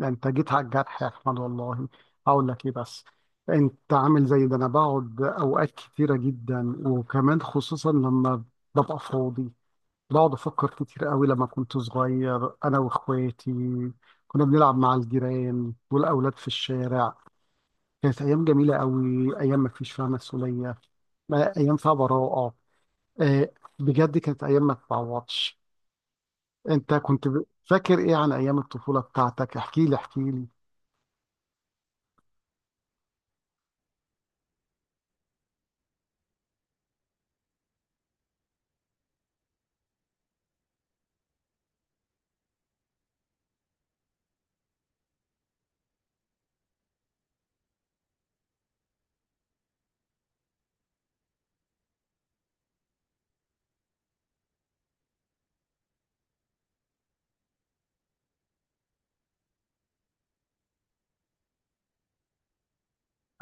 ده انت جيت على الجرح يا احمد، والله. هقول لك ايه بس؟ انت عامل زي ده. انا بقعد اوقات كتيره جدا، وكمان خصوصا لما ببقى فاضي بقعد افكر كتير قوي. لما كنت صغير انا واخواتي كنا بنلعب مع الجيران والاولاد في الشارع، كانت ايام جميله قوي، ايام ما فيش فيها مسؤوليه، ايام فيها براءه. آه، بجد كانت ايام ما تتعوضش. انت كنت فاكر ايه عن ايام الطفوله بتاعتك؟ احكي لي احكي لي.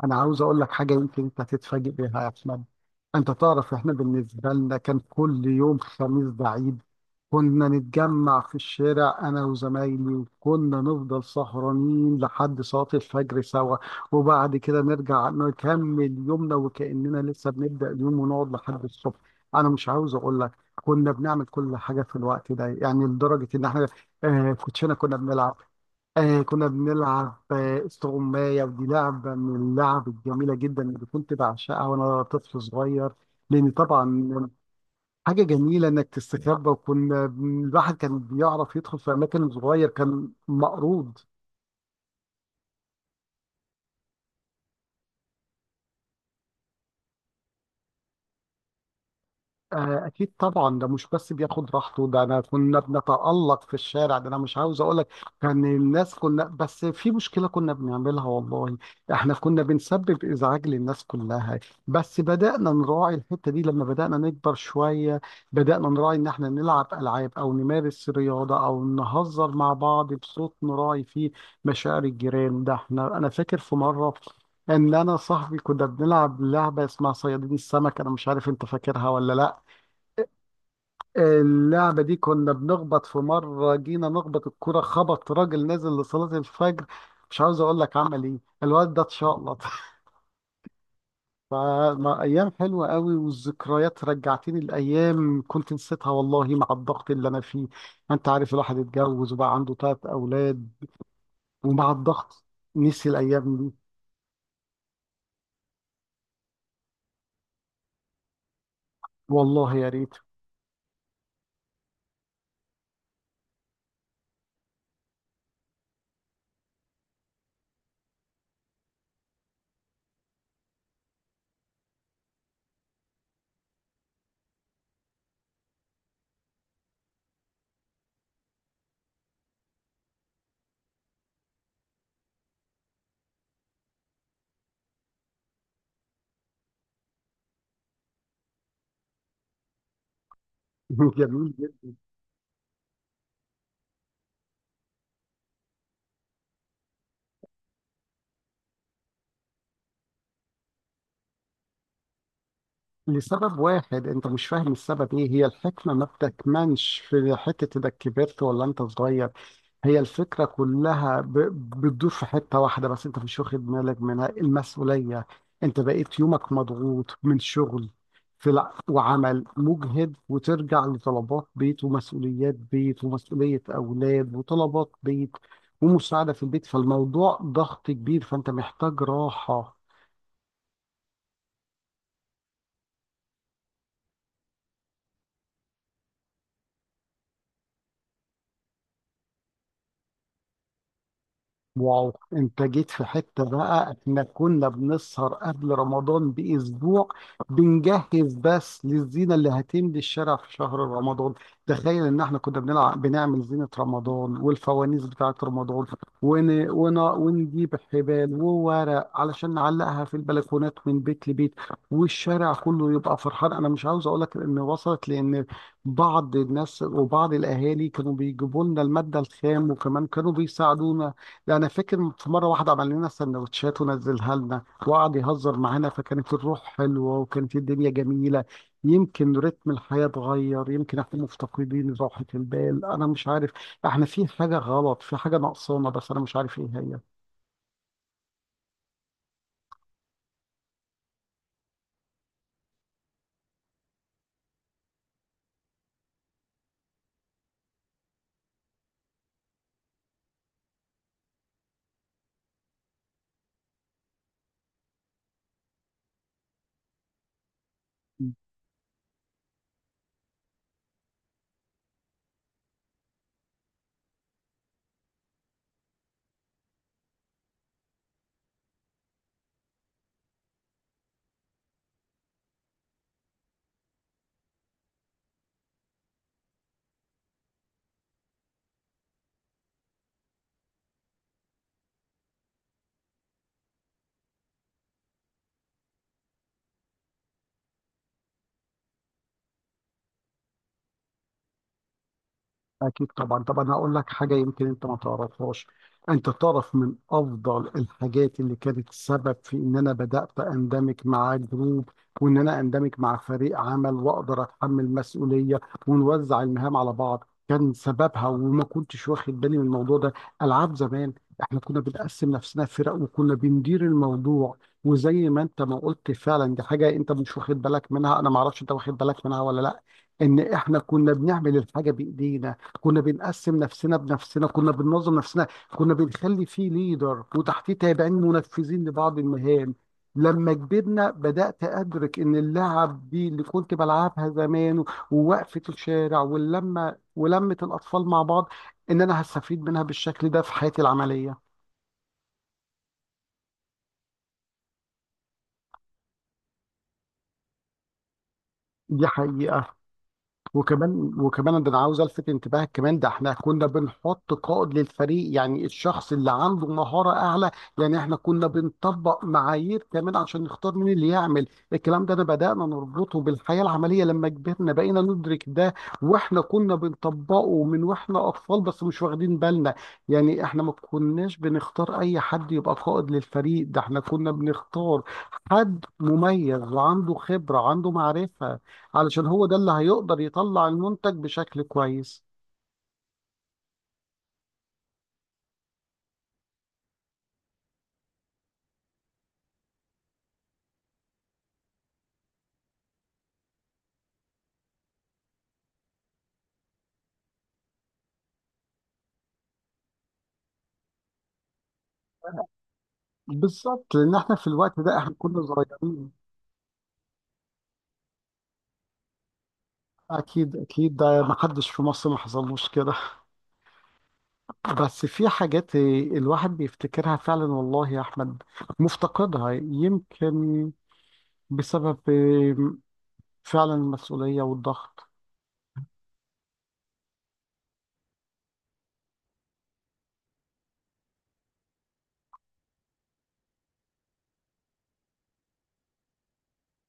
انا عاوز اقول لك حاجه يمكن انت هتتفاجئ بيها يا احمد. انت تعرف، احنا بالنسبه لنا كان كل يوم خميس ده عيد. كنا نتجمع في الشارع انا وزمايلي، وكنا نفضل سهرانين لحد صلاه الفجر سوا، وبعد كده نرجع نكمل يومنا وكاننا لسه بنبدا اليوم، ونقعد لحد الصبح. انا مش عاوز اقول لك كنا بنعمل كل حاجه في الوقت ده، يعني لدرجه ان احنا كوتشينه كنا بنلعب، استغماية. ودي لعبة من اللعب الجميلة جدا اللي كنت بعشقها وأنا طفل صغير، لأن طبعا حاجة جميلة إنك تستخبى. وكنا الواحد كان بيعرف يدخل في أماكن صغير كان مقروض. أكيد طبعا، ده مش بس بياخد راحته، ده أنا كنا بنتألق في الشارع. ده أنا مش عاوز أقول لك، كان الناس كنا بس في مشكلة كنا بنعملها والله. إحنا كنا بنسبب إزعاج للناس كلها، بس بدأنا نراعي الحتة دي لما بدأنا نكبر شوية. بدأنا نراعي إن إحنا نلعب ألعاب أو نمارس رياضة أو نهزر مع بعض بصوت نراعي فيه مشاعر الجيران. ده إحنا أنا فاكر في مرة ان انا صاحبي كنا بنلعب لعبه اسمها صيادين السمك، انا مش عارف انت فاكرها ولا لا. اللعبة دي كنا بنخبط، في مرة جينا نخبط الكرة خبط راجل نازل لصلاة الفجر. مش عاوز اقول لك عمل ايه الواد ده، اتشقلط فما ايام حلوة قوي، والذكريات رجعتني الايام كنت نسيتها والله مع الضغط اللي انا فيه. انت عارف الواحد اتجوز وبقى عنده 3 اولاد، ومع الضغط نسي الايام دي. والله يا ريت. جميل جدا. لسبب واحد انت مش فاهم السبب ايه. هي الحكمة ما بتكمنش في حتة انك كبرت ولا انت صغير، هي الفكرة كلها بتدور في حتة واحدة بس انت مش واخد بالك منها: المسؤولية. انت بقيت يومك مضغوط من شغل وعمل مجهد، وترجع لطلبات بيت ومسؤوليات بيت ومسؤولية أولاد وطلبات بيت ومساعدة في البيت، فالموضوع ضغط كبير، فانت محتاج راحة. واو، انت جيت في حتة بقى. احنا كنا بنسهر قبل رمضان باسبوع، بنجهز بس للزينة اللي هتملي الشارع في شهر رمضان. تخيل ان احنا كنا بنلعب بنعمل زينة رمضان والفوانيس بتاعة رمضان، ونجيب حبال وورق علشان نعلقها في البلكونات من بيت لبيت، والشارع كله يبقى فرحان. انا مش عاوز اقول لك ان وصلت لان بعض الناس وبعض الاهالي كانوا بيجيبوا لنا المادة الخام، وكمان كانوا بيساعدونا. يعني فاكر في مرة واحدة عمل لنا سندوتشات ونزلها لنا وقعد يهزر معانا، فكانت الروح حلوة وكانت الدنيا جميلة. يمكن رتم الحياة اتغير، يمكن احنا مفتقدين راحة البال، أنا مش عارف. احنا في حاجة غلط، في حاجة ناقصانا بس أنا مش عارف ايه هي. أكيد طبعا. طب أنا هقول لك حاجة يمكن أنت ما تعرفهاش. أنت تعرف من أفضل الحاجات اللي كانت سبب في إن أنا بدأت أندمج مع جروب، وإن أنا أندمج مع فريق عمل وأقدر أتحمل مسؤولية ونوزع المهام على بعض، كان سببها وما كنتش واخد بالي من الموضوع ده: ألعاب زمان. إحنا كنا بنقسم نفسنا فرق وكنا بندير الموضوع. وزي ما أنت ما قلت فعلا، دي حاجة أنت مش واخد بالك منها، أنا ما أعرفش أنت واخد بالك منها ولا لأ، إن إحنا كنا بنعمل الحاجة بإيدينا. كنا بنقسم نفسنا بنفسنا، كنا بننظم نفسنا، كنا بنخلي فيه ليدر وتحتيه تابعين منفذين لبعض المهام. لما كبرنا بدأت أدرك إن اللعب دي اللي كنت بلعبها زمان ووقفة الشارع واللمة ولمة الأطفال مع بعض، إن أنا هستفيد منها بالشكل ده في حياتي العملية. دي حقيقة. وكمان وكمان ده انا عاوز الفت انتباهك كمان، ده احنا كنا بنحط قائد للفريق، يعني الشخص اللي عنده مهارة اعلى. يعني احنا كنا بنطبق معايير كمان عشان نختار مين اللي يعمل. الكلام ده انا بدأنا نربطه بالحياة العملية لما كبرنا بقينا ندرك ده، واحنا كنا بنطبقه من واحنا اطفال بس مش واخدين بالنا. يعني احنا ما كناش بنختار اي حد يبقى قائد للفريق، ده احنا كنا بنختار حد مميز وعنده خبرة، عنده معرفة، علشان هو ده اللي هيقدر يطلع المنتج بشكل كويس. بالظبط، لان احنا في الوقت ده احنا كنا صغيرين. اكيد اكيد، ده ما حدش في مصر ما حصلوش كده. بس في حاجات الواحد بيفتكرها فعلا والله يا احمد، مفتقدها يمكن بسبب فعلا المسؤولية والضغط.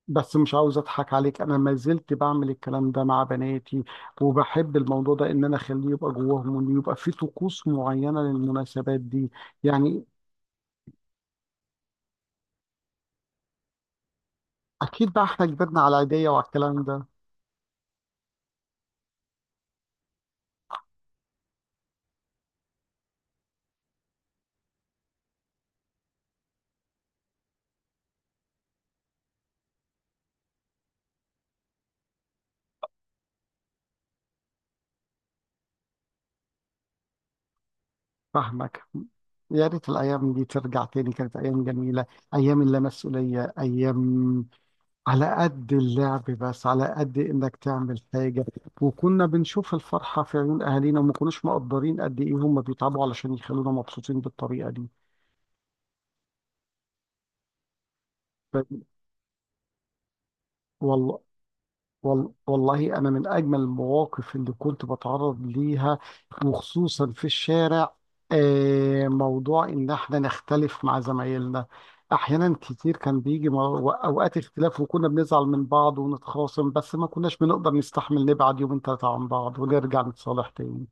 بس مش عاوز اضحك عليك، انا ما زلت بعمل الكلام ده مع بناتي، وبحب الموضوع ده ان انا اخليه يبقى جواهم وان يبقى في طقوس معينة للمناسبات دي. يعني أكيد بقى إحنا كبرنا على العيدية وعلى الكلام ده. فاهمك. يا ريت الأيام دي ترجع تاني، كانت أيام جميلة، أيام اللا مسؤولية، أيام على قد اللعب بس على قد إنك تعمل حاجة. وكنا بنشوف الفرحة في عيون أهالينا، وما كناش مقدرين قد إيه هم بيتعبوا علشان يخلونا مبسوطين بالطريقة دي. ف- والله. والله أنا من أجمل المواقف اللي كنت بتعرض ليها، وخصوصا في الشارع، موضوع إن إحنا نختلف مع زمايلنا. أحيانا كتير كان بيجي أوقات اختلاف، وكنا بنزعل من بعض ونتخاصم، بس ما كناش بنقدر نستحمل نبعد يومين 3 عن بعض ونرجع نتصالح تاني.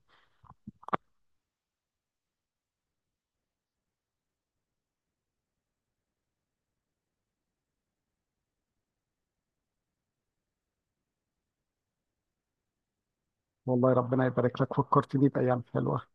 والله ربنا يبارك لك، فكرتني بأيام حلوة.